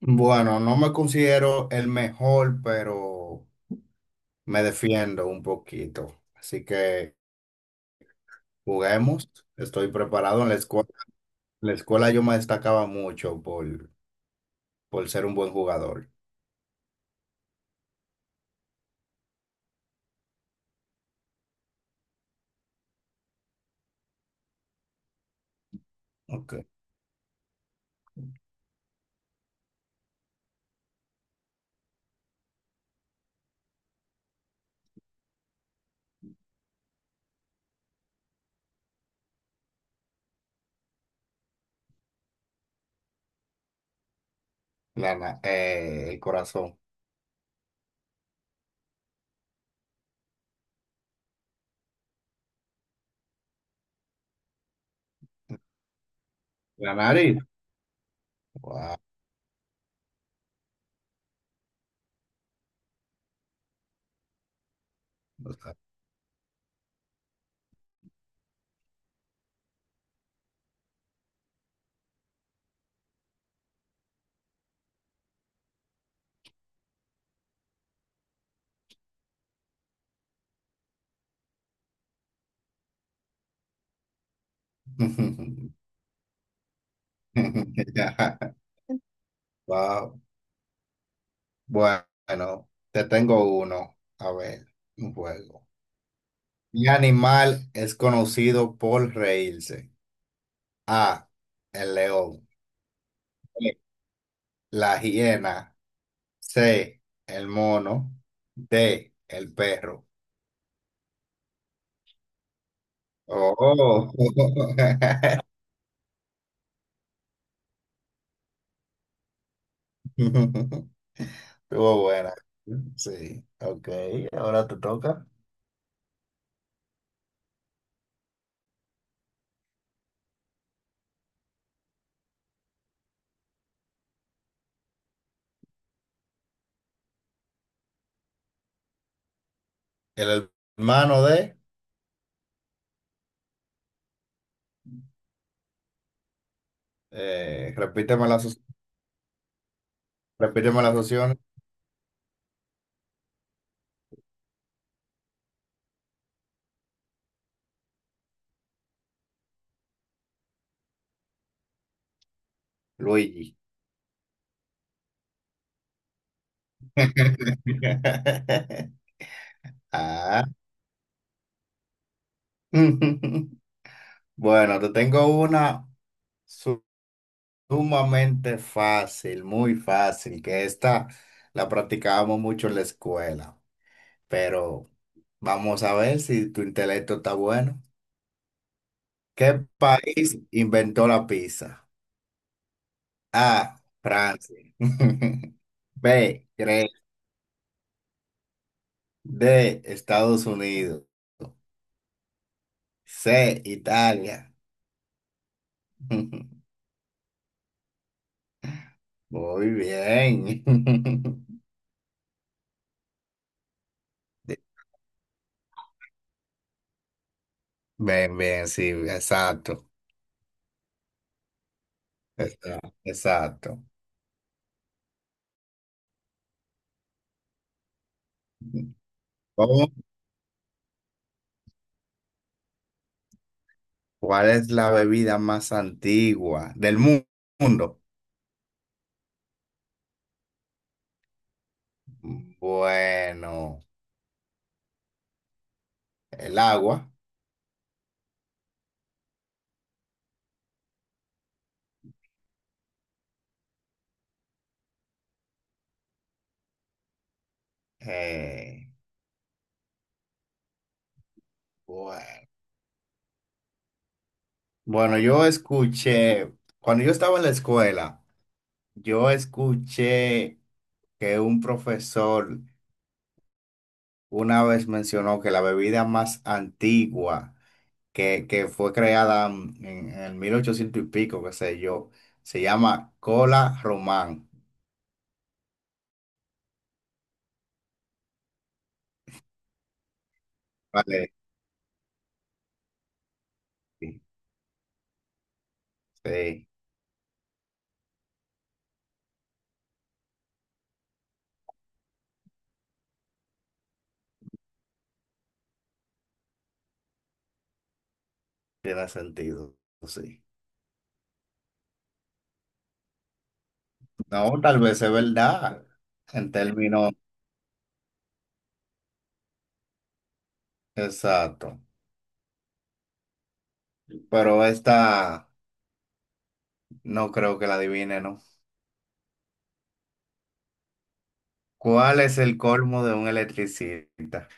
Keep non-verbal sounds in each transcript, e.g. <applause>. Bueno, no me considero el mejor, pero me defiendo un poquito. Así que juguemos. Estoy preparado. En la escuela, yo me destacaba mucho por ser un buen jugador. Ok. El corazón. La nariz. Wow. <laughs> Wow. Bueno, te tengo uno. A ver, un juego. Mi animal es conocido por reírse. A, el león. B, la hiena. C, el mono. D, el perro. Oh. <laughs> Estuvo buena. Sí, ok. Ahora te toca. El hermano de, repíteme las, repíteme las opciones. Luigi. <laughs> Ah. <laughs> Bueno, te tengo una sumamente fácil, muy fácil, que esta la practicábamos mucho en la escuela, pero vamos a ver si tu intelecto está bueno. ¿Qué país inventó la pizza? A, Francia. <laughs> B, Grecia. D, Estados Unidos. C, Italia. <laughs> Muy bien. <laughs> Bien, bien, sí, exacto. Exacto, exacto. Vamos. ¿Cuál es la bebida más antigua del mundo? Bueno, el agua. Eh, bueno. Bueno, yo escuché, cuando yo estaba en la escuela, yo escuché que un profesor una vez mencionó que la bebida más antigua que fue creada en el 1800 y pico, qué sé yo, se llama cola román. Vale, sí, sí, tiene sentido, sí. No, tal vez es verdad, en términos exactos, pero esta no creo que la adivine, ¿no? ¿Cuál es el colmo de un electricista?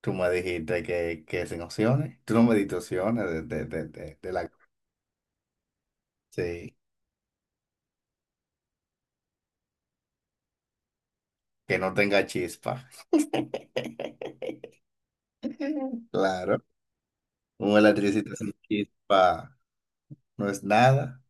Tú me dijiste que sin opciones, tú no me diste opciones de la... Sí, que no tenga chispa. <laughs> Claro, un electricista sin chispa no es nada.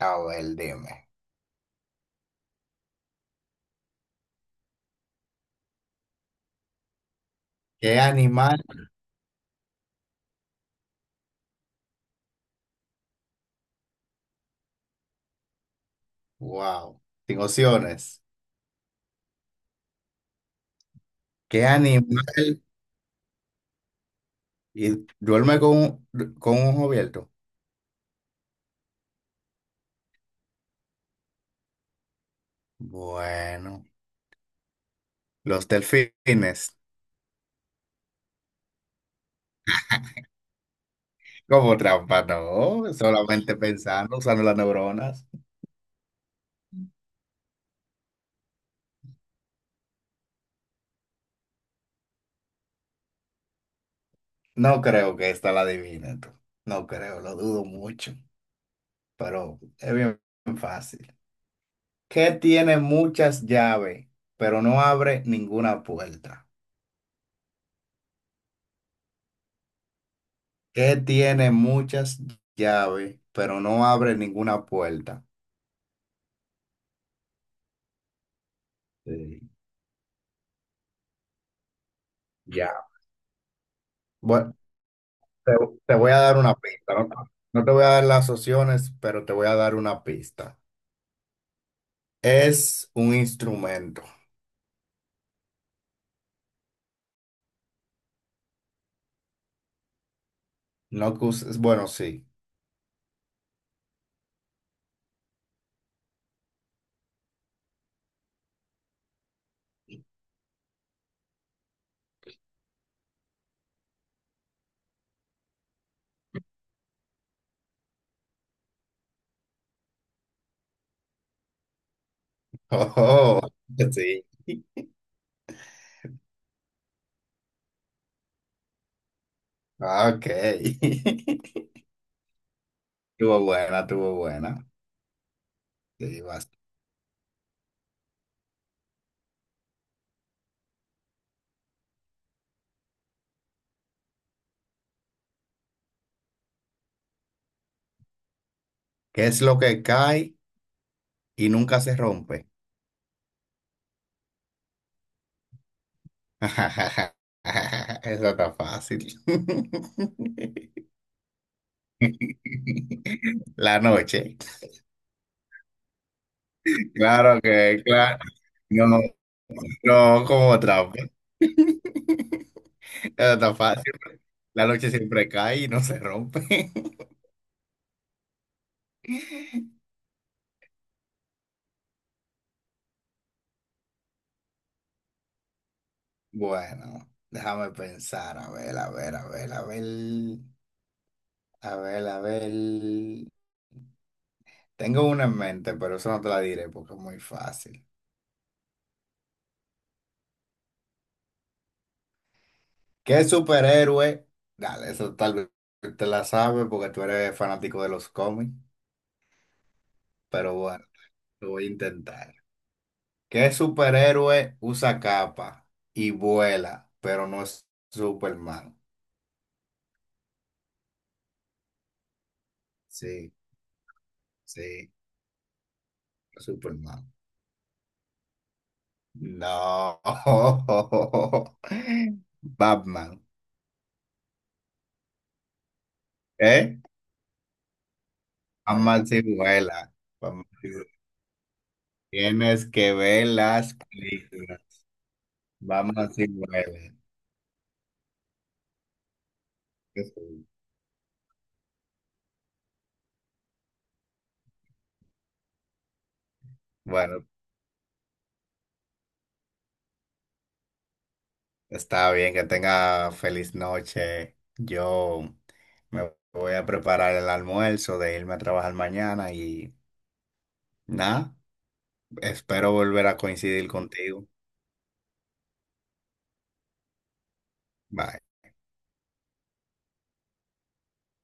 A ver, dime. ¿Qué animal? Wow, sin opciones. ¿Qué animal? Y duerme con con un ojo abierto. Bueno, los delfines. Como trampa, no. Solamente pensando, usando las neuronas. No creo que esta la adivinen tú. No creo, lo dudo mucho. Pero es bien fácil. ¿Qué tiene muchas llaves, pero no abre ninguna puerta? ¿Qué tiene muchas llaves, pero no abre ninguna puerta? Sí, ya. Bueno, Te, te voy a dar una pista, ¿no? No te voy a dar las opciones, pero te voy a dar una pista. Es un instrumento. No que uses- Bueno, sí. Oh, <laughs> sí. Ok. <laughs> Tuvo buena, tuvo buena. Sí, vas. ¿Qué es lo que cae y nunca se rompe? <laughs> Eso está fácil. <laughs> La noche. Claro que, claro. No, no, como trampa. <laughs> Era tan fácil. La noche siempre cae y no se rompe. <laughs> Bueno, déjame pensar. A ver, a ver, a ver, a ver. A ver, a ver. Tengo una en mente, pero eso no te la diré porque es muy fácil. ¿Qué superhéroe? Dale, eso tal vez te la sabes porque tú eres fanático de los cómics. Pero bueno, lo voy a intentar. ¿Qué superhéroe usa capa y vuela, pero no es Superman? Sí, sí, Superman. No. <laughs> Batman, ¿eh? Batman sí vuela. Batman sí vuela. Tienes que ver las películas. Batman sí vuela. Sí. Bueno, está bien, que tenga feliz noche. Yo me voy a preparar el almuerzo de irme a trabajar mañana y nada, espero volver a coincidir contigo. Bye.